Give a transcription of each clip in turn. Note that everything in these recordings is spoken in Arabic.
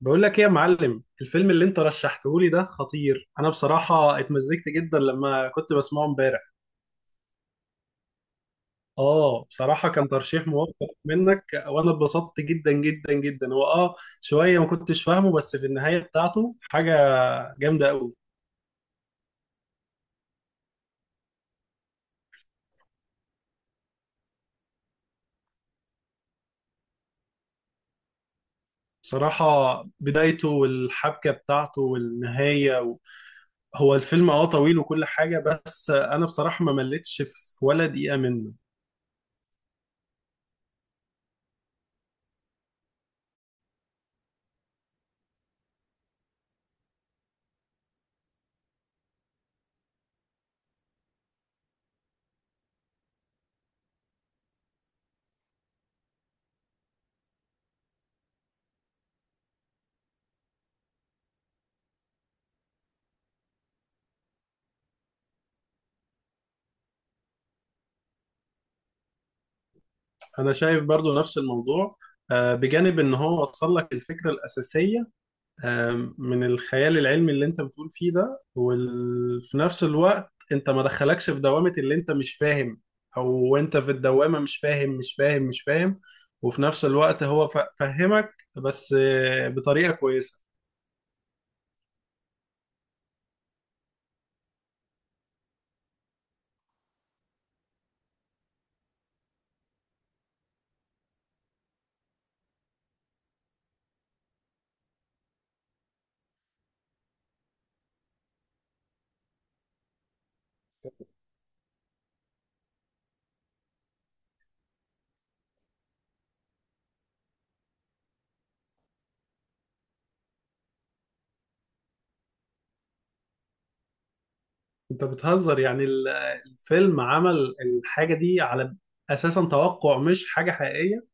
بقول لك ايه يا معلم؟ الفيلم اللي انت رشحته لي ده خطير. انا بصراحة اتمزجت جدا لما كنت بسمعه امبارح. اه، بصراحة كان ترشيح موفق منك، وانا اتبسطت جدا جدا جدا. هو شوية ما كنتش فاهمه، بس في النهاية بتاعته حاجة جامدة قوي. بصراحة بدايته والحبكة بتاعته والنهاية هو الفيلم طويل وكل حاجة، بس انا بصراحة ما مليتش في ولا دقيقة منه. انا شايف برضو نفس الموضوع. بجانب ان هو وصل لك الفكرة الأساسية من الخيال العلمي اللي انت بتقول فيه ده، وفي نفس الوقت انت ما دخلكش في دوامة اللي انت مش فاهم. او انت في الدوامة مش فاهم مش فاهم مش فاهم، وفي نفس الوقت هو فهمك بس، بطريقة كويسة. انت بتهزر؟ يعني الفيلم عمل الحاجة دي على اساسا توقع مش حاجة حقيقية؟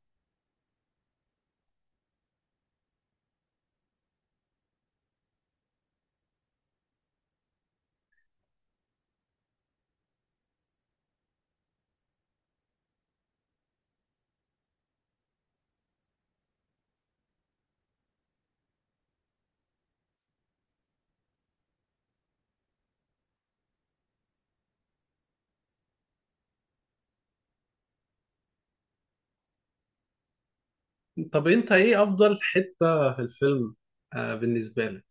طب انت ايه افضل حتة في الفيلم بالنسبة لك؟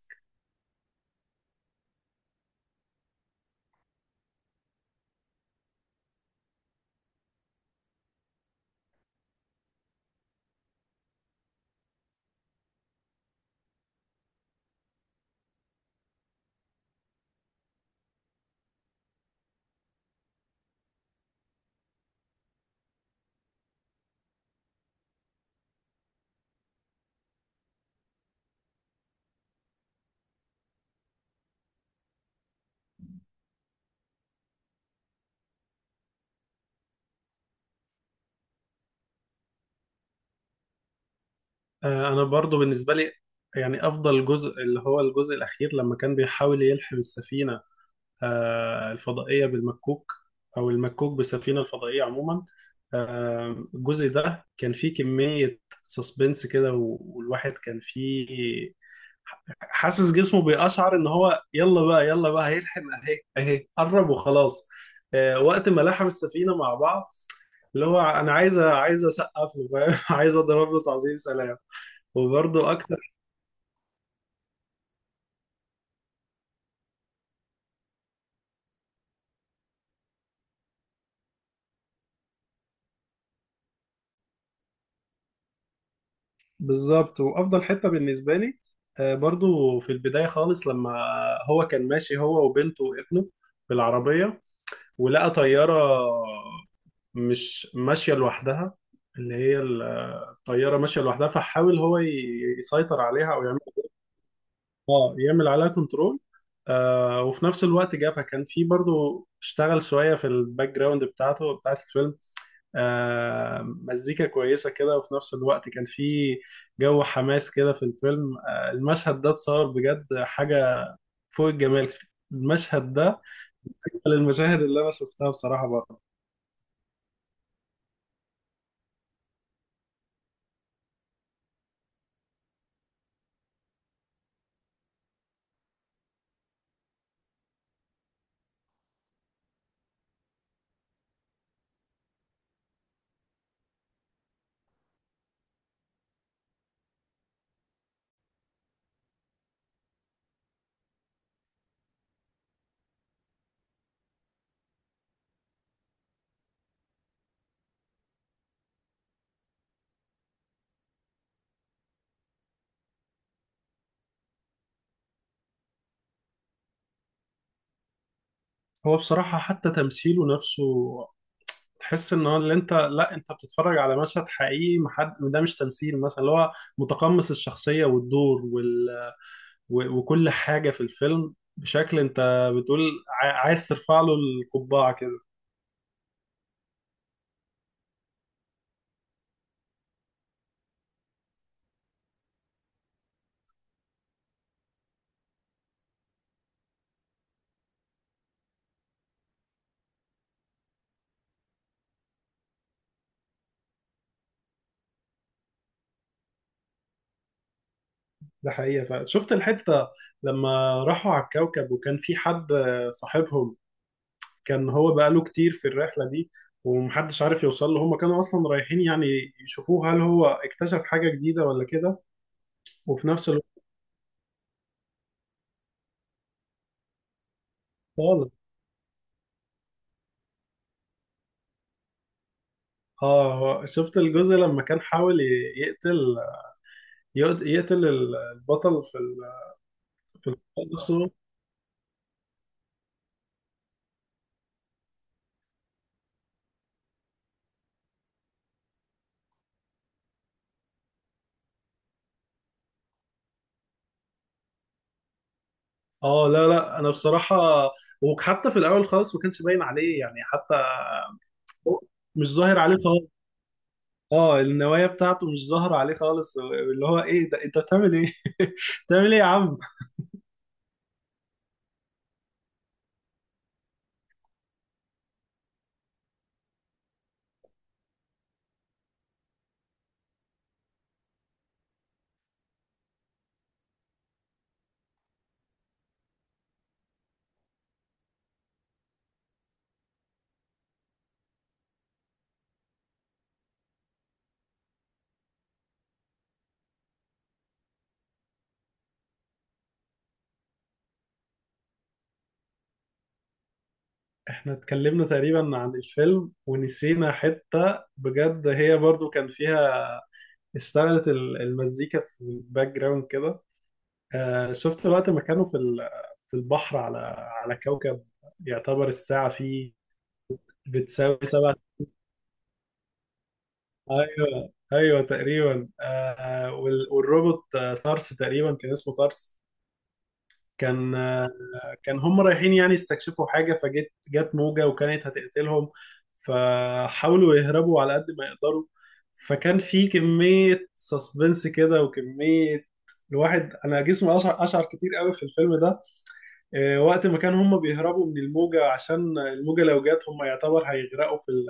انا برضو بالنسبه لي يعني افضل جزء اللي هو الجزء الاخير لما كان بيحاول يلحم السفينه الفضائيه بالمكوك، او المكوك بالسفينه الفضائيه عموما. الجزء ده كان فيه كميه سسبنس كده، والواحد كان فيه حاسس جسمه بيقشعر ان هو يلا بقى يلا بقى هيلحم، اهي اهي قرب وخلاص. وقت ما لحم السفينه مع بعض، اللي هو انا عايز اسقف له، فاهم؟ عايز اضرب له تعظيم سلام. وبرضه اكتر. بالظبط، وافضل حته بالنسبه لي برضو في البدايه خالص لما هو كان ماشي هو وبنته وابنه بالعربيه، ولقى طياره مش ماشيه لوحدها. اللي هي الطياره ماشيه لوحدها، فحاول هو يسيطر عليها او يعمل، اه، يعمل عليها كنترول. وفي نفس الوقت جابها، كان في برضو اشتغل شويه في الباك جراوند بتاعت الفيلم. مزيكا كويسة كده، وفي نفس الوقت كان في جو حماس كده في الفيلم. المشهد ده اتصور بجد حاجة فوق الجمال. المشهد ده من المشاهد اللي أنا شفتها بصراحة برضه. هو بصراحة حتى تمثيله نفسه تحس ان هو اللي انت، لا انت بتتفرج على مشهد حقيقي، محد ده مش تمثيل مثلا، اللي هو متقمص الشخصية والدور وكل حاجة في الفيلم، بشكل انت بتقول عايز ترفع له القبعة كده. ده حقيقة فعلا شفت الحتة لما راحوا على الكوكب، وكان في حد صاحبهم كان هو بقاله كتير في الرحلة دي ومحدش عارف يوصل له، هما كانوا أصلا رايحين يعني يشوفوه هل هو اكتشف حاجة جديدة ولا كده. وفي نفس الوقت خالص. اه، هو- شفت الجزء لما كان حاول يقتل يقتل البطل في في القتال نفسه؟ اه لا لا انا بصراحة. وحتى في الاول خالص ما كانش باين عليه يعني حتى هو مش ظاهر عليه خالص. اه، النوايا بتاعته مش ظاهرة عليه خالص، اللي هو ايه ده انت بتعمل ايه؟ بتعمل ايه يا عم؟ احنا اتكلمنا تقريبا عن الفيلم ونسينا حتة بجد هي برضو كان فيها اشتغلت المزيكا في الباك جراوند كده. آه شفت وقت ما كانوا في في البحر على على كوكب يعتبر الساعة فيه بتساوي 7. ايوه ايوه تقريبا. آه والروبوت، طرس، تقريبا كان اسمه طرس. كان كان هم رايحين يعني يستكشفوا حاجة، جت موجة وكانت هتقتلهم فحاولوا يهربوا على قد ما يقدروا. فكان في كمية سسبنس كده وكمية، الواحد انا جسمي اشعر كتير قوي في الفيلم ده. وقت ما كان هم بيهربوا من الموجة، عشان الموجة لو جت هم يعتبر هيغرقوا في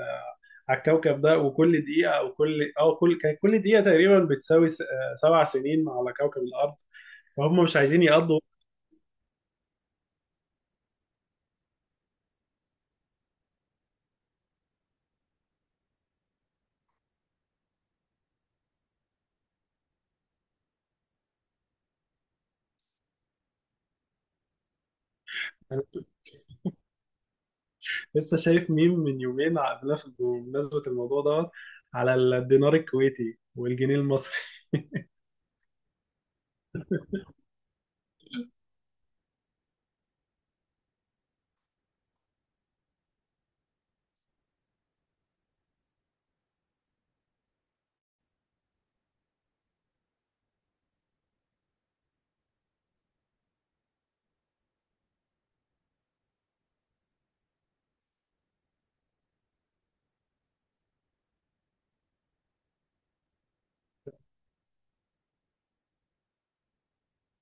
على الكوكب ده. وكل دقيقة او كل اه كل كان كل دقيقة تقريبا بتساوي 7 سنين على كوكب الارض. فهم مش عايزين يقضوا. لسه شايف ميم من يومين قبلها بمناسبة الموضوع دوت على الدينار الكويتي والجنيه المصري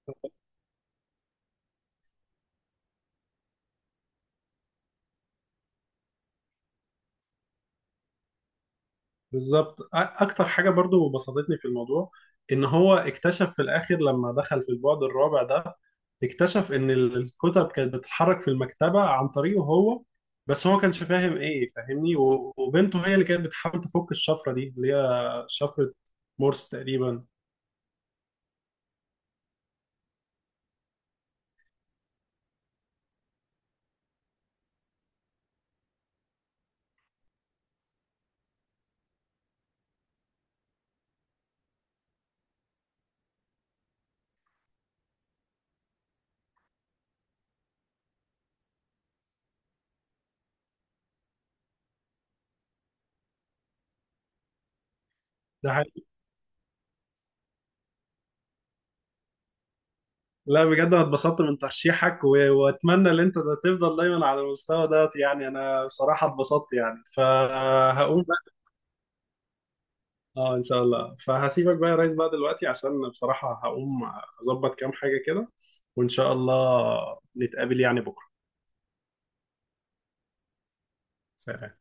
بالظبط. اكتر حاجه برضو بسطتني في الموضوع ان هو اكتشف في الاخر لما دخل في البعد الرابع ده، اكتشف ان الكتب كانت بتتحرك في المكتبه عن طريقه هو، بس هو ما كانش فاهم ايه فاهمني، وبنته هي اللي كانت بتحاول تفك الشفره دي، اللي هي شفره مورس تقريبا. ده. لا بجد انا اتبسطت من ترشيحك واتمنى ان انت ده تفضل دايما على المستوى ده، يعني انا بصراحه اتبسطت يعني، فهقوم بقى. اه ان شاء الله. فهسيبك بقى يا ريس بقى دلوقتي عشان بصراحه هقوم اظبط كام حاجه كده، وان شاء الله نتقابل يعني بكره. سلام.